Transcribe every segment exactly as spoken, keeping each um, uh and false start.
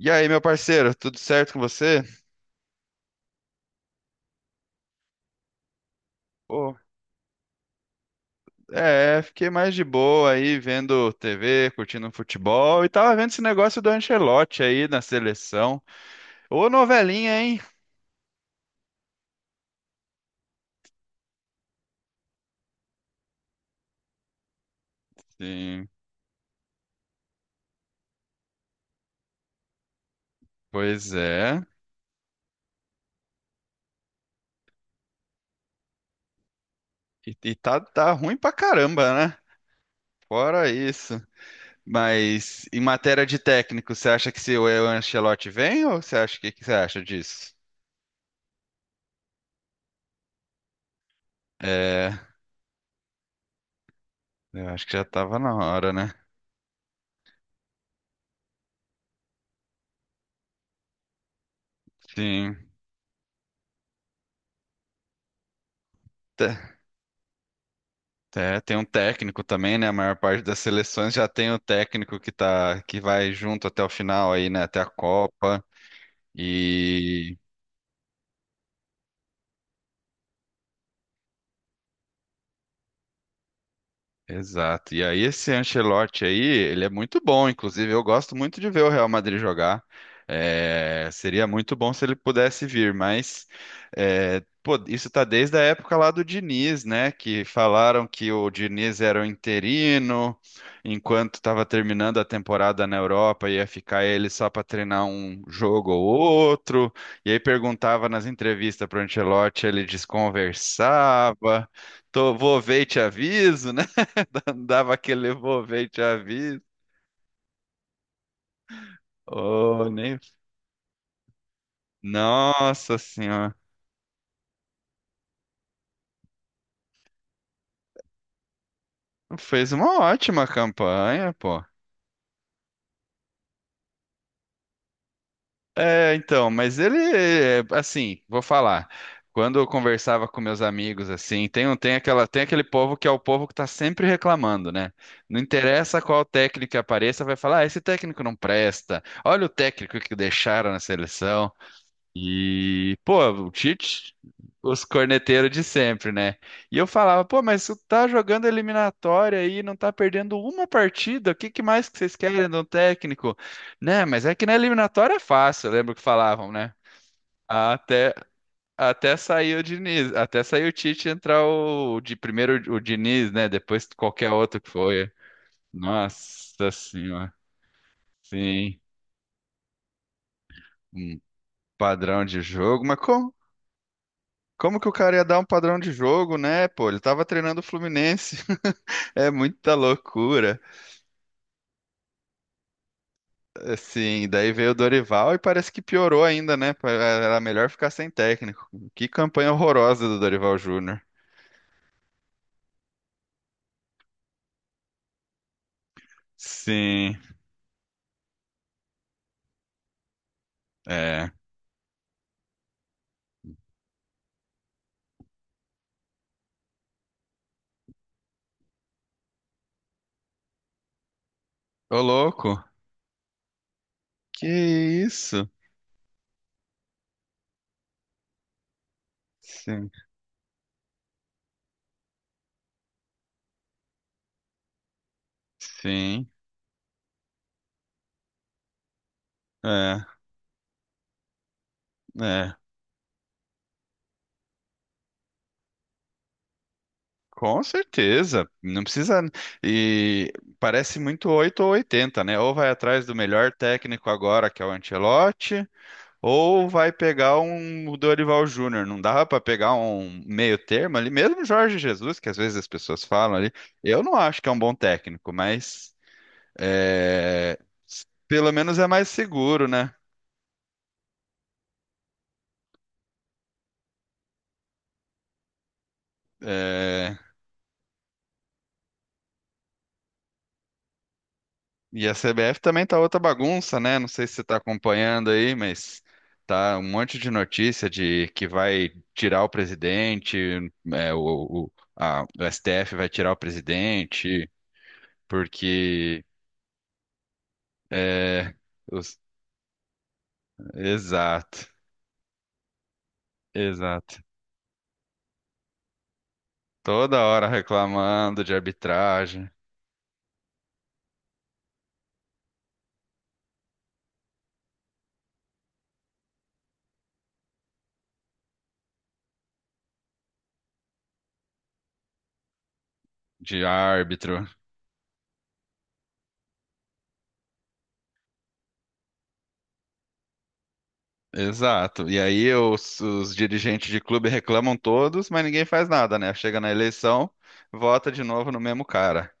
E aí, meu parceiro, tudo certo com você? Pô, é, é, fiquei mais de boa aí vendo T V, curtindo futebol e tava vendo esse negócio do Ancelotti aí na seleção. Ô, novelinha, hein? Sim, pois é. E, e tá, tá ruim pra caramba, né? Fora isso. Mas em matéria de técnico, você acha que se o Ancelotti vem ou você acha que, que você acha disso? É, eu acho que já tava na hora, né? Sim. É, tem um técnico também, né? A maior parte das seleções já tem o técnico que tá, que vai junto até o final aí, né? Até a Copa. E Exato. E aí esse Ancelotti aí, ele é muito bom, inclusive eu gosto muito de ver o Real Madrid jogar. É, seria muito bom se ele pudesse vir, mas é, pô, isso tá desde a época lá do Diniz, né? Que falaram que o Diniz era o interino, enquanto estava terminando a temporada na Europa, ia ficar ele só para treinar um jogo ou outro. E aí perguntava nas entrevistas para o Ancelotti, ele desconversava. Tô, vou ver e te aviso, né? Dava aquele envolvente à vista. Oh. nem... Nossa senhora. Fez uma ótima campanha, pô. É, então, mas ele, é, assim, vou falar. Quando eu conversava com meus amigos, assim, tem, um- tem aquela, tem aquele povo que é o povo que tá sempre reclamando, né? Não interessa qual técnico que apareça, vai falar, ah, esse técnico não presta. Olha o técnico que deixaram na seleção. E, pô, o Tite, os corneteiros de sempre, né? E eu falava, pô, mas tu tá jogando eliminatória aí, não tá perdendo uma partida, o que que mais que vocês querem de um técnico? Né, mas é que na eliminatória é fácil, eu lembro que falavam, né? Até, até sair o Diniz, até sair o Tite e entrar o, de primeiro o Diniz, né? Depois qualquer outro que foi. Nossa senhora, sim, um padrão de jogo, mas como Como que o cara ia dar um padrão de jogo, né? Pô, ele tava treinando o Fluminense. É muita loucura. Assim, daí veio o Dorival e parece que piorou ainda, né? Pa- Era melhor ficar sem técnico. Que campanha horrorosa do Dorival Júnior. Sim, é. Ô, louco. Que isso? Sim, sim. É, é. Com certeza. Não precisa. E parece muito oito ou oitenta, né? Ou vai atrás do melhor técnico agora, que é o Ancelotti. Ou vai pegar um Dorival Júnior. Não dava para pegar um meio termo ali, mesmo Jorge Jesus, que às vezes as pessoas falam ali. Eu não acho que é um bom técnico, mas é, s- pelo menos é mais seguro, né? É, e a C B F também tá outra bagunça, né? Não sei se você tá acompanhando aí, mas tá um monte de notícia de que vai tirar o presidente, é, o, o, a- o S T F vai tirar o presidente. porque. é, os- Exato, exato. Toda hora reclamando de arbitragem, de árbitro. Exato. E aí os, os dirigentes de clube reclamam todos, mas ninguém faz nada, né? Chega na eleição, vota de novo no mesmo cara.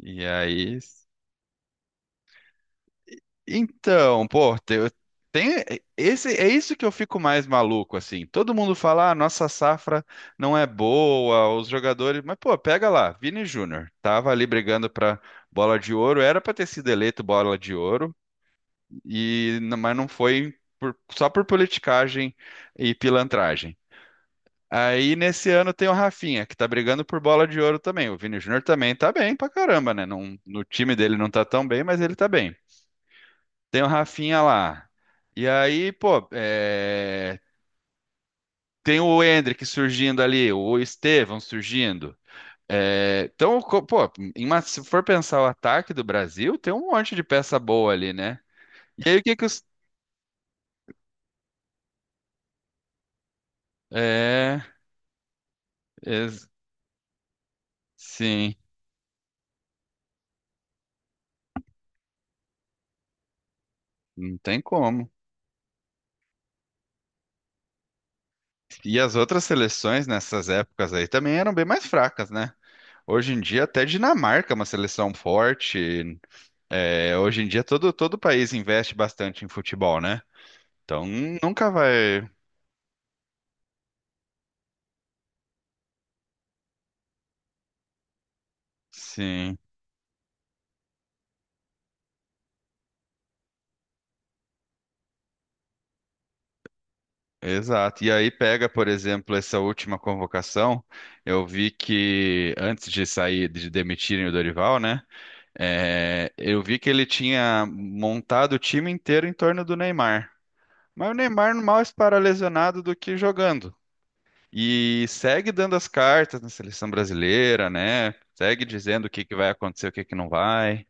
E aí, Então, pô, te- eu tem esse é isso que eu fico mais maluco assim. Todo mundo fala, ah, nossa safra não é boa, os jogadores, mas pô, pega lá, Vini Júnior tava ali brigando pra bola de ouro, era pra ter sido eleito bola de ouro e n- mas não foi por- só por politicagem e pilantragem. Aí nesse ano tem o Rafinha, que tá brigando por bola de ouro também. O Vini Júnior também tá bem pra caramba, né? Não, no time dele não tá tão bem, mas ele tá bem. Tem o Rafinha lá. E aí, pô, é, tem o Endrick surgindo ali, o Estevão surgindo. É, então, co- pô, em uma- se for pensar o ataque do Brasil, tem um monte de peça boa ali, né? E aí, o que que os. É, ex- sim, não tem como. E as outras seleções nessas épocas aí também eram bem mais fracas, né? Hoje em dia, até Dinamarca é uma seleção forte. É, hoje em dia, todo, todo país investe bastante em futebol, né? Então nunca vai. Sim, exato. E aí pega, por exemplo, essa última convocação. Eu vi que antes de sair, de demitirem o Dorival, né? É, eu vi que ele tinha montado o time inteiro em torno do Neymar. Mas o Neymar mal para lesionado do que jogando. E segue dando as cartas na seleção brasileira, né? Segue dizendo o que que vai acontecer, o que que não vai.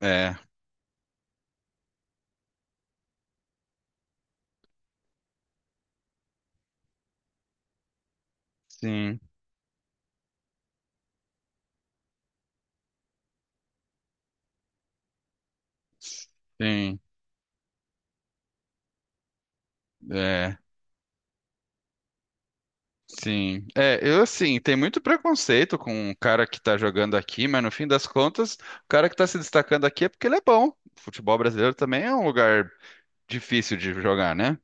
É, sim, sim. É. Sim. É, eu assim, tem muito preconceito com o cara que tá jogando aqui, mas no fim das contas, o cara que tá se destacando aqui é porque ele é bom. O futebol brasileiro também é um lugar difícil de jogar, né?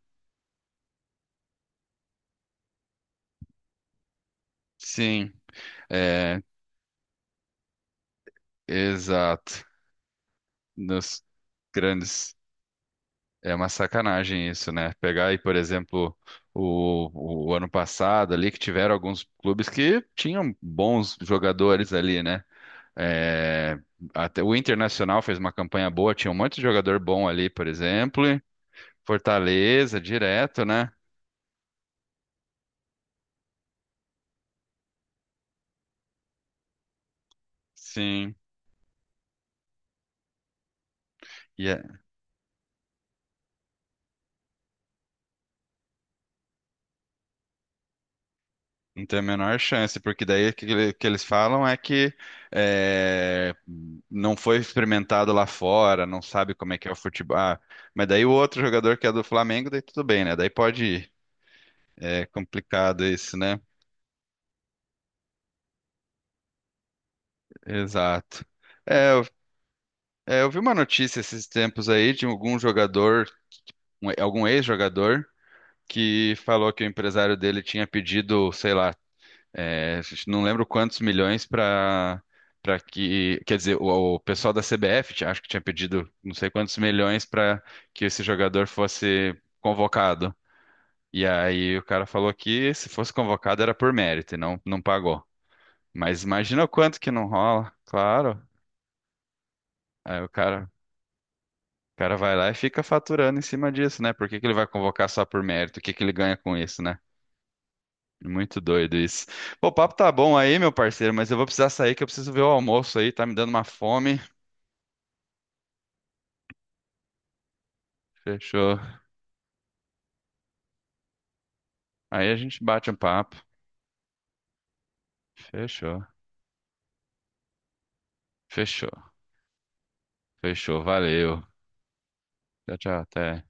Sim, é, exato. Nos grandes. É uma sacanagem isso, né? Pegar aí, por exemplo, o, o ano passado ali, que tiveram alguns clubes que tinham bons jogadores ali, né? É, até o Internacional fez uma campanha boa, tinha um monte de jogador bom ali, por exemplo. E Fortaleza, direto, né? Sim. E é- não tem a menor chance, porque daí o que, ele- que eles falam é que é, não foi experimentado lá fora, não sabe como é que é o futebol. Ah, mas daí o outro jogador que é do Flamengo, daí tudo bem, né? Daí pode ir. É complicado isso, né? Exato. É, eu, é, eu vi uma notícia esses tempos aí de algum jogador, um- algum ex-jogador. Que falou que o empresário dele tinha pedido, sei lá, é, não lembro quantos milhões para para que, quer dizer, o, o pessoal da C B F tinha- acho que tinha pedido não sei quantos milhões para que esse jogador fosse convocado. E aí o cara falou que se fosse convocado era por mérito e não não pagou. Mas imagina o quanto que não rola, claro. Aí o cara, o cara vai lá e fica faturando em cima disso, né? Por que que ele vai convocar só por mérito? O que que ele ganha com isso, né? Muito doido isso. Pô, o papo tá bom aí, meu parceiro, mas eu vou precisar sair que eu preciso ver o almoço aí, tá me dando uma fome. Fechou. Aí a gente bate um papo. Fechou. Fechou. Fechou. Valeu. Tchau, tchau. Até.